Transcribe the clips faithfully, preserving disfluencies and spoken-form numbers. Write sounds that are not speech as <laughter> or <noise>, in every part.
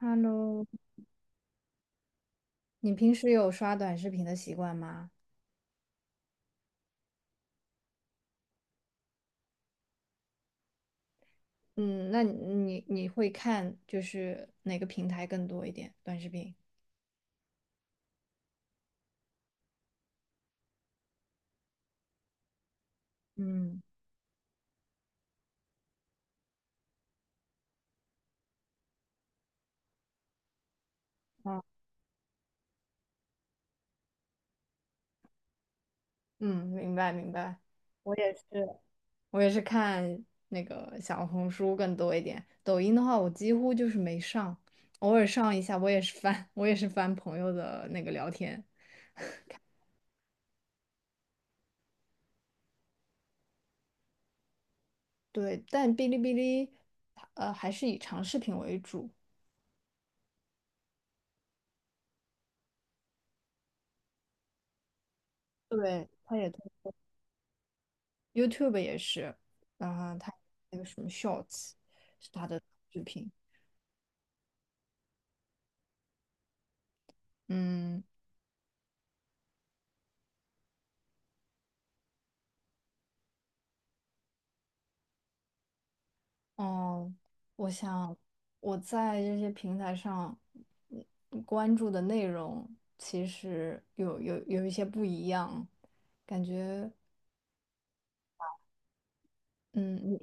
Hello，你平时有刷短视频的习惯吗？嗯。那你你会看就是哪个平台更多一点？短视频。嗯。哦。嗯。明白明白。我也是，我也是看那个小红书更多一点，抖音的话我几乎就是没上，偶尔上一下，我也是翻，<laughs> 我也是翻朋友的那个聊天。对，但哔哩哔哩，呃，还是以长视频为主。对。它也。YouTube 也是，然后它那个什么 Shorts 是它的视频。嗯。哦。我想我在这些平台上嗯关注的内容其实有有有一些不一样，感觉。嗯你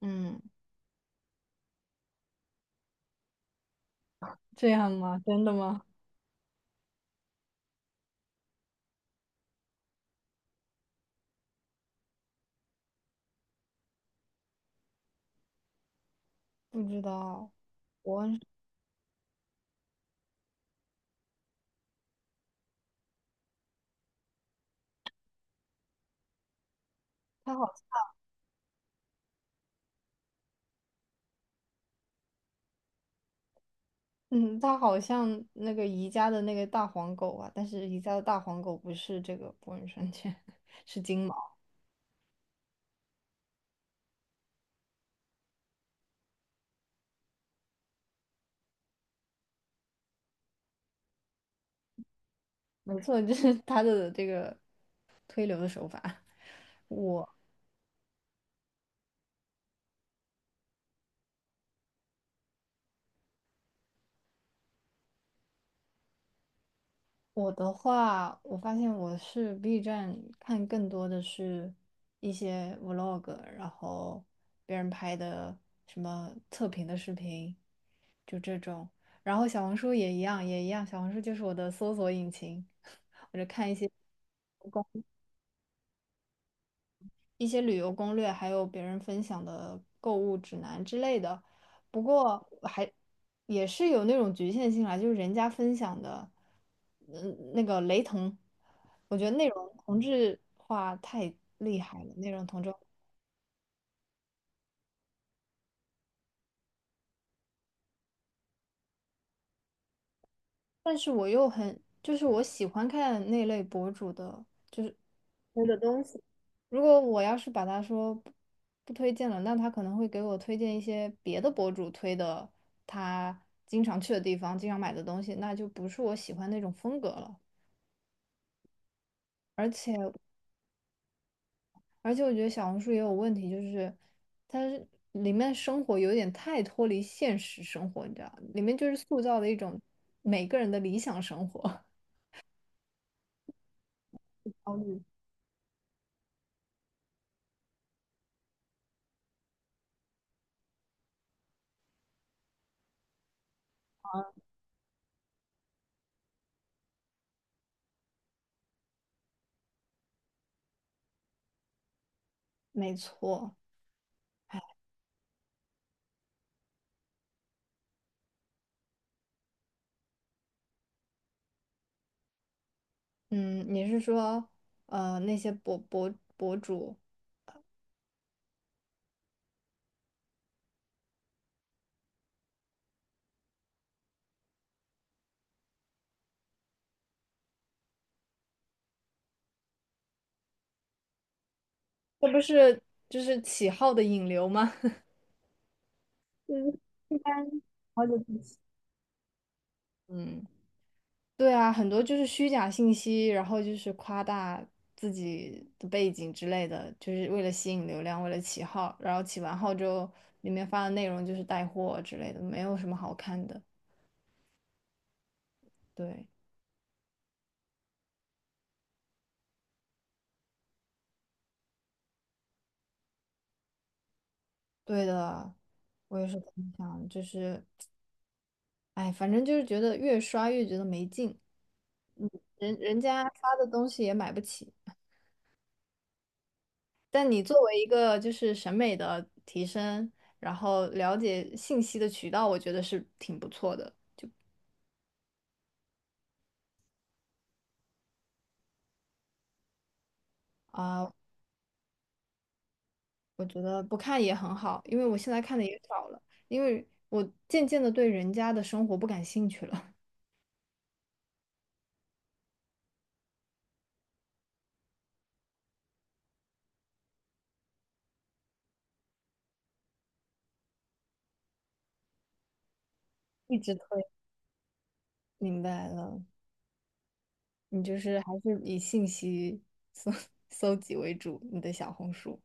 嗯这样吗？真的吗？不知道。我他好嗯他好像那个宜家的那个大黄狗啊，但是宜家的大黄狗不是这个博人生犬，<laughs> 是金毛。没错，就是他的这个推流的手法。<laughs> 我我的话，我发现我是 B 站看更多的是一些 vlog，然后别人拍的什么测评的视频，就这种。然后小红书也一样，也一样，小红书就是我的搜索引擎，<laughs> 我就看一些。一些旅游攻略，还有别人分享的购物指南之类的。不过还也是有那种局限性啦，就是人家分享的，嗯，那个雷同，我觉得内容同质化太厉害了，内容同质化。但是我又很，就是我喜欢看那类博主的推的东西。如果我要是把他说不不推荐了，那他可能会给我推荐一些别的博主推的他经常去的地方、经常买的东西，那就不是我喜欢那种风格了。而且，而且我觉得小红书也有问题，就是它是里面生活有点太脱离现实生活，你知道，里面就是塑造的一种每个人的理想生活。<laughs> 焦虑。没错。嗯，你是说呃那些博博博主？这不是就是起号的引流吗？<laughs> 嗯。一般好久不洗。嗯，对啊，很多就是虚假信息，然后就是夸大自己的背景之类的，就是为了吸引流量，为了起号，然后起完号之后，里面发的内容就是带货之类的，没有什么好看的。对。对的，我也是这么想，就是，哎，反正就是觉得越刷越觉得没劲。嗯。人人家发的东西也买不起。但你作为一个就是审美的提升，然后了解信息的渠道，我觉得是挺不错的。啊。我觉得不看也很好，因为我现在看的也少了，因为我渐渐的对人家的生活不感兴趣了。<laughs> 一直推。明白了，你就是还是以信息搜 <laughs> 搜集为主，你的小红书。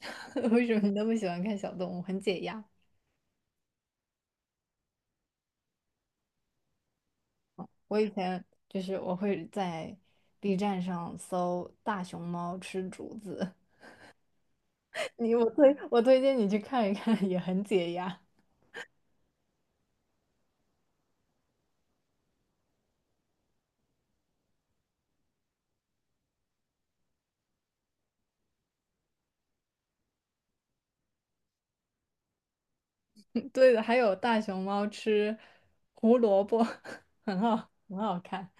<laughs> 为什么你那么喜欢看小动物？很解压。我以前就是我会在 B 站上搜大熊猫吃竹子。你我推我推荐你去看一看，也很解压。对的，还有大熊猫吃胡萝卜，<laughs> 很好很好看。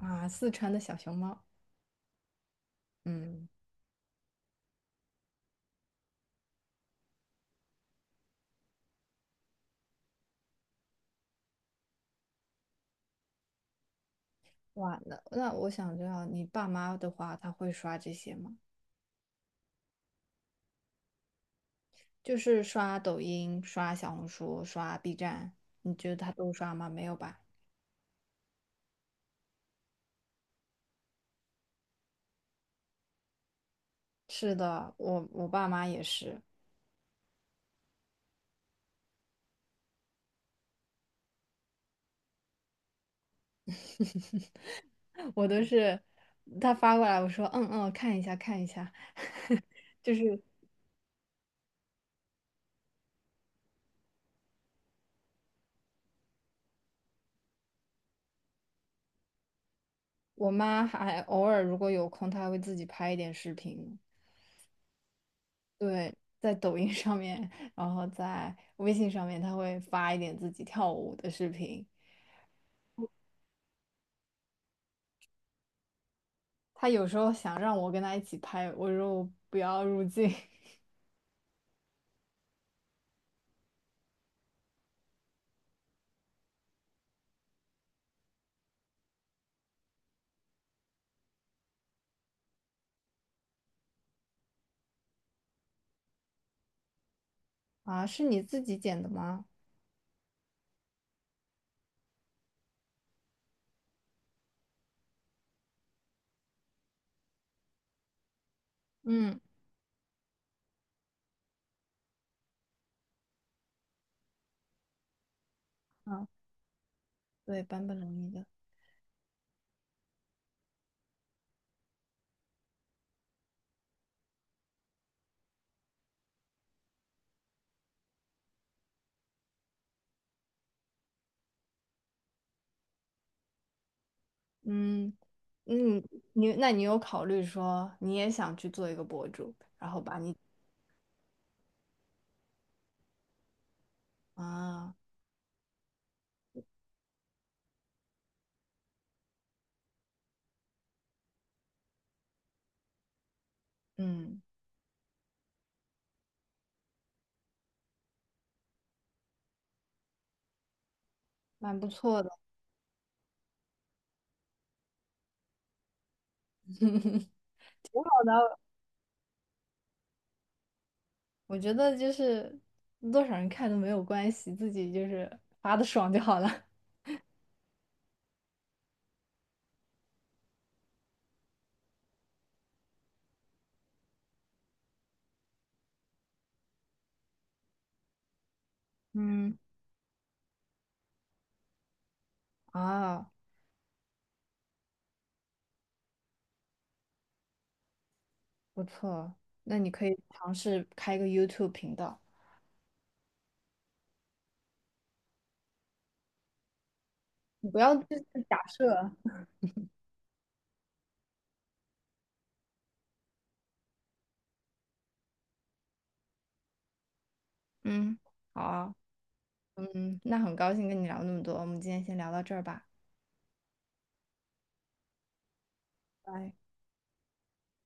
啊，四川的小熊猫。嗯。哇，那那我想知道你爸妈的话，他会刷这些吗？就是刷抖音、刷小红书、刷 B 站，你觉得他都刷吗？没有吧？是的，我我爸妈也是。<laughs> 我都是他发过来，我说嗯嗯，看一下看一下，<laughs> 就是我妈还偶尔如果有空，她还会自己拍一点视频。对，在抖音上面，然后在微信上面，她会发一点自己跳舞的视频。她有时候想让我跟她一起拍，我说我不要入镜。 <laughs> 啊，是你自己剪的吗？嗯。啊，对，版本容易的。嗯嗯。你那你有考虑说你也想去做一个博主，然后把你啊。嗯，蛮不错的。我觉得就是多少人看都没有关系，自己就是发的爽就好了。<laughs> 嗯。啊，不错，那你可以尝试开一个 YouTube 频道，你不要就是假设。嗯。好啊。嗯，那很高兴跟你聊那么多，我们今天先聊到这儿吧。拜。